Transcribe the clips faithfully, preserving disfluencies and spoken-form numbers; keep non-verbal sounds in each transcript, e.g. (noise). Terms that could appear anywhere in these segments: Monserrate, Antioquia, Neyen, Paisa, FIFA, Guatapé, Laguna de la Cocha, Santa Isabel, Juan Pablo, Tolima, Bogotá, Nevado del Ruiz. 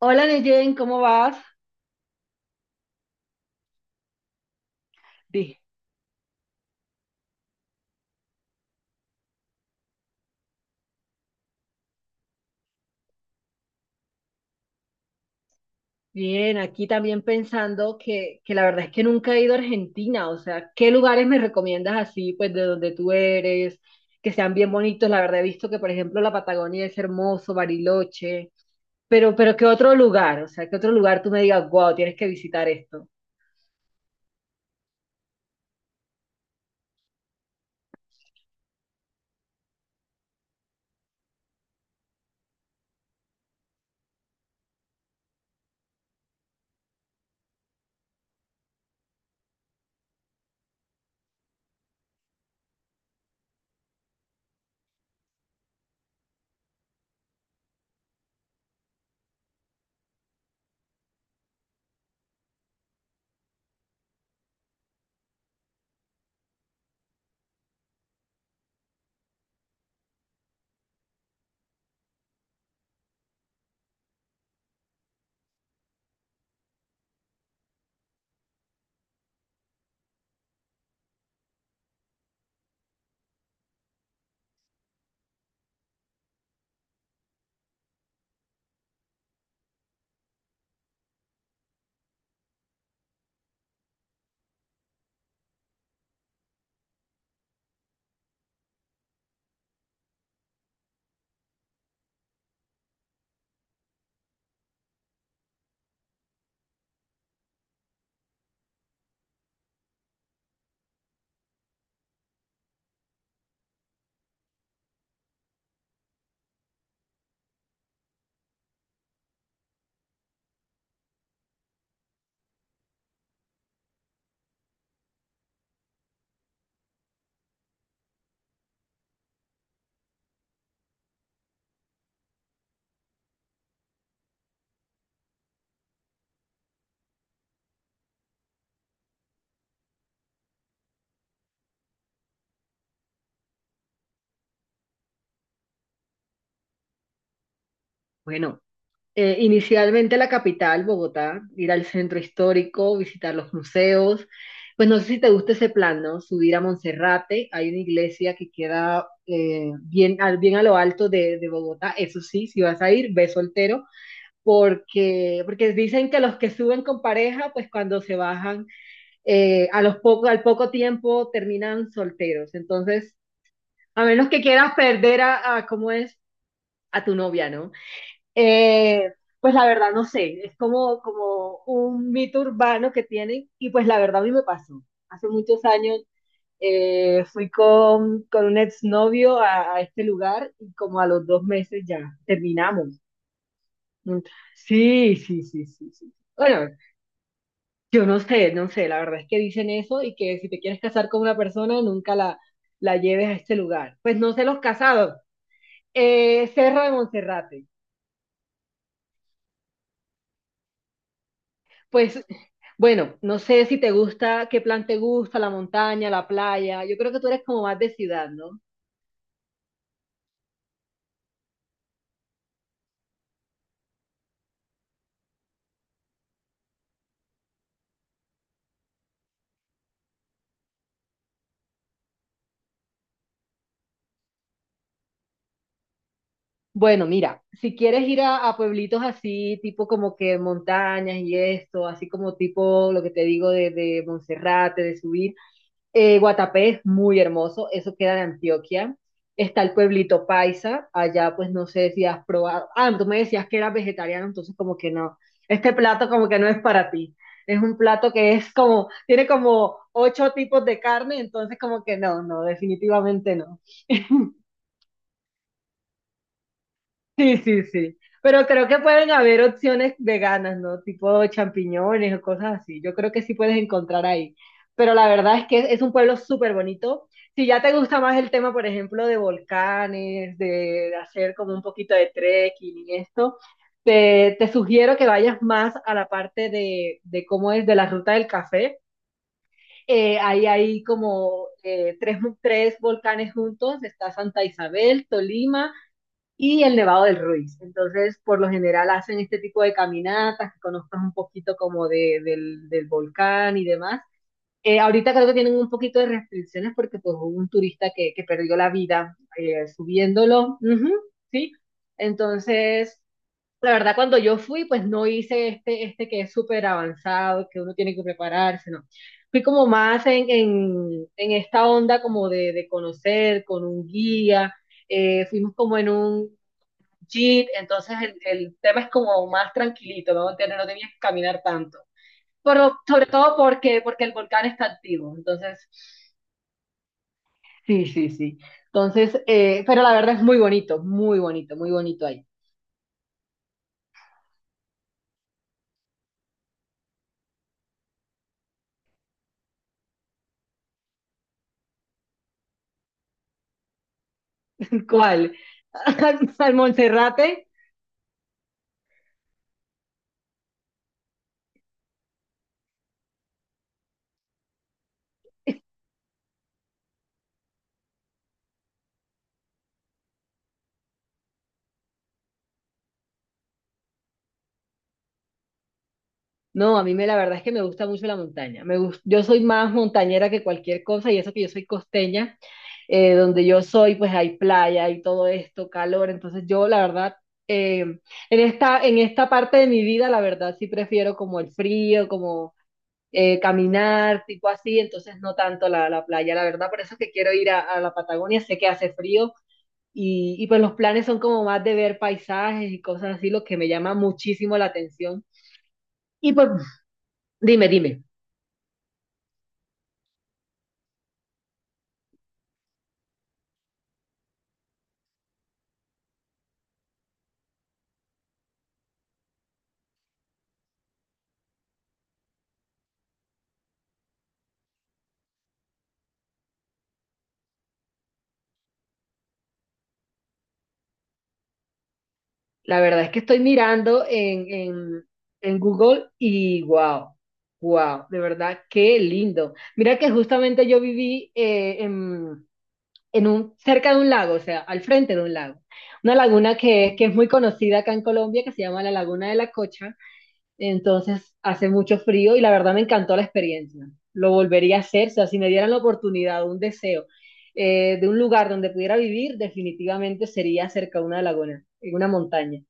Hola Neyen, ¿cómo vas? Bi- Bien, aquí también pensando que, que la verdad es que nunca he ido a Argentina, o sea, ¿qué lugares me recomiendas así, pues de donde tú eres, que sean bien bonitos? La verdad he visto que, por ejemplo, la Patagonia es hermoso, Bariloche, pero, pero ¿qué otro lugar? O sea, ¿qué otro lugar tú me digas, wow, tienes que visitar esto? Bueno. Eh, inicialmente la capital, Bogotá, ir al centro histórico, visitar los museos. Pues no sé si te gusta ese plan, ¿no? Subir a Monserrate, hay una iglesia que queda eh, bien, al, bien a lo alto de, de Bogotá, eso sí, si vas a ir, ve soltero, porque, porque dicen que los que suben con pareja, pues cuando se bajan, eh, a los poco, al poco tiempo terminan solteros. Entonces, a menos que quieras perder a, a ¿cómo es? A tu novia, ¿no? Eh, pues la verdad no sé, es como, como un mito urbano que tienen y pues la verdad a mí me pasó. Hace muchos años eh, fui con, con un exnovio a, a este lugar y como a los dos meses ya terminamos. Mm, sí, sí, sí, sí, sí. Bueno, yo no sé, no sé, la verdad es que dicen eso y que si te quieres casar con una persona nunca la, la lleves a este lugar. Pues no sé los casados. Eh, Serra de Monserrate. Pues, bueno, no sé si te gusta, qué plan te gusta, la montaña, la playa. Yo creo que tú eres como más de ciudad, ¿no? Bueno, mira, si quieres ir a, a pueblitos así, tipo como que montañas y esto, así como tipo lo que te digo de, de Monserrate, de subir, eh, Guatapé es muy hermoso, eso queda en Antioquia. Está el pueblito Paisa, allá pues no sé si has probado. Ah, tú me decías que eras vegetariano, entonces como que no. Este plato como que no es para ti. Es un plato que es como, tiene como ocho tipos de carne, entonces como que no, no, definitivamente no. (laughs) Sí, sí, sí. Pero creo que pueden haber opciones veganas, ¿no? Tipo champiñones o cosas así. Yo creo que sí puedes encontrar ahí. Pero la verdad es que es un pueblo súper bonito. Si ya te gusta más el tema, por ejemplo, de volcanes, de hacer como un poquito de trekking y esto, te, te sugiero que vayas más a la parte de, de cómo es de la ruta del café. Eh, ahí hay como eh, tres, tres volcanes juntos. Está Santa Isabel, Tolima y el Nevado del Ruiz. Entonces, por lo general hacen este tipo de caminatas, que conozcas un poquito como de, del, del volcán y demás. Eh, ahorita creo que tienen un poquito de restricciones porque pues, hubo un turista que, que perdió la vida eh, subiéndolo, ujú, ¿sí? Entonces, la verdad, cuando yo fui, pues no hice este, este que es súper avanzado, que uno tiene que prepararse, ¿no? Fui como más en, en, en esta onda como de, de conocer con un guía, eh, fuimos como en un, jeep, entonces el, el tema es como más tranquilito, ¿no? Entonces, no tenías que caminar tanto. Pero sobre todo porque, porque el volcán está activo, entonces... Sí, sí, sí. Entonces, eh, pero la verdad es muy bonito, muy bonito, muy bonito ahí. ¿Cuál? (laughs) Al Monserrate. No, a mí me, la verdad es que me gusta mucho la montaña. Me gus- yo soy más montañera que cualquier cosa y eso que yo soy costeña, eh, donde yo soy pues hay playa y todo esto, calor. Entonces yo la verdad, eh, en esta, en esta parte de mi vida la verdad sí prefiero como el frío, como eh, caminar, tipo así. Entonces no tanto la, la playa, la verdad. Por eso es que quiero ir a, a la Patagonia, sé que hace frío. Y, y pues los planes son como más de ver paisajes y cosas así, lo que me llama muchísimo la atención. Y pues dime, dime. La verdad es que estoy mirando en, en, en Google y wow, wow, de verdad, qué lindo. Mira que justamente yo viví eh, en, en un, cerca de un lago, o sea, al frente de un lago. Una laguna que, que es muy conocida acá en Colombia, que se llama la Laguna de la Cocha. Entonces hace mucho frío y la verdad me encantó la experiencia. Lo volvería a hacer, o sea, si me dieran la oportunidad, un deseo eh, de un lugar donde pudiera vivir, definitivamente sería cerca de una laguna, en una montaña.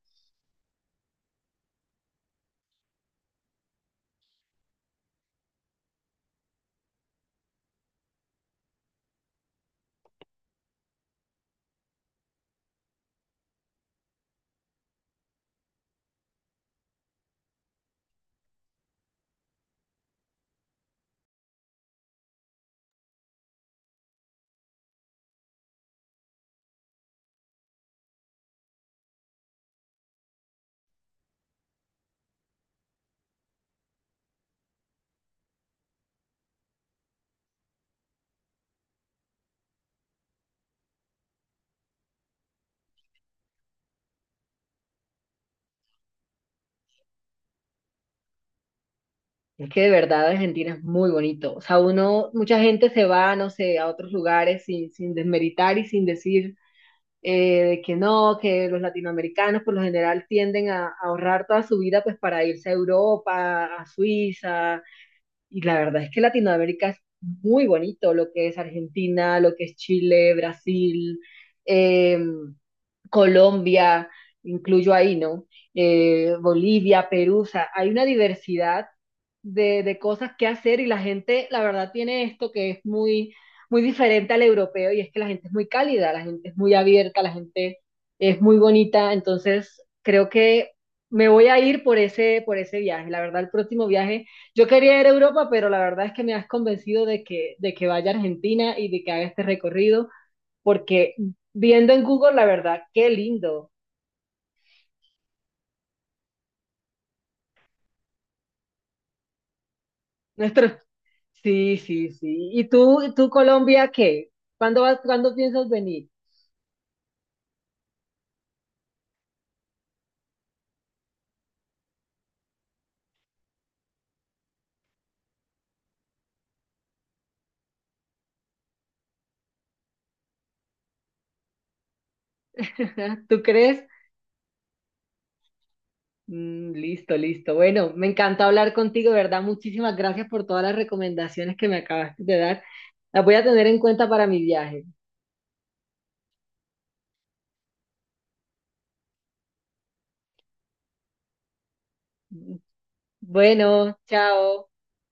Es que de verdad Argentina es muy bonito. O sea, uno, mucha gente se va, no sé, a otros lugares sin, sin desmeritar y sin decir eh, de que no, que los latinoamericanos por lo general tienden a, a ahorrar toda su vida pues para irse a Europa, a Suiza. Y la verdad es que Latinoamérica es muy bonito, lo que es Argentina, lo que es Chile, Brasil, eh, Colombia, incluyo ahí, ¿no? Eh, Bolivia, Perú, o sea, hay una diversidad de, de cosas que hacer y la gente, la verdad, tiene esto que es muy, muy diferente al europeo y es que la gente es muy cálida, la gente es muy abierta, la gente es muy bonita, entonces creo que me voy a ir por ese, por ese viaje. La verdad, el próximo viaje, yo quería ir a Europa, pero la verdad es que me has convencido de que, de que vaya a Argentina y de que haga este recorrido, porque viendo en Google, la verdad, qué lindo. Nuestro... Sí, sí, sí. ¿Y tú, tú Colombia, qué? ¿Cuándo vas, cuándo piensas venir? (laughs) ¿Tú crees? Mm, listo, listo. Bueno, me encantó hablar contigo, ¿verdad? Muchísimas gracias por todas las recomendaciones que me acabaste de dar. Las voy a tener en cuenta para mi viaje. Bueno, chao.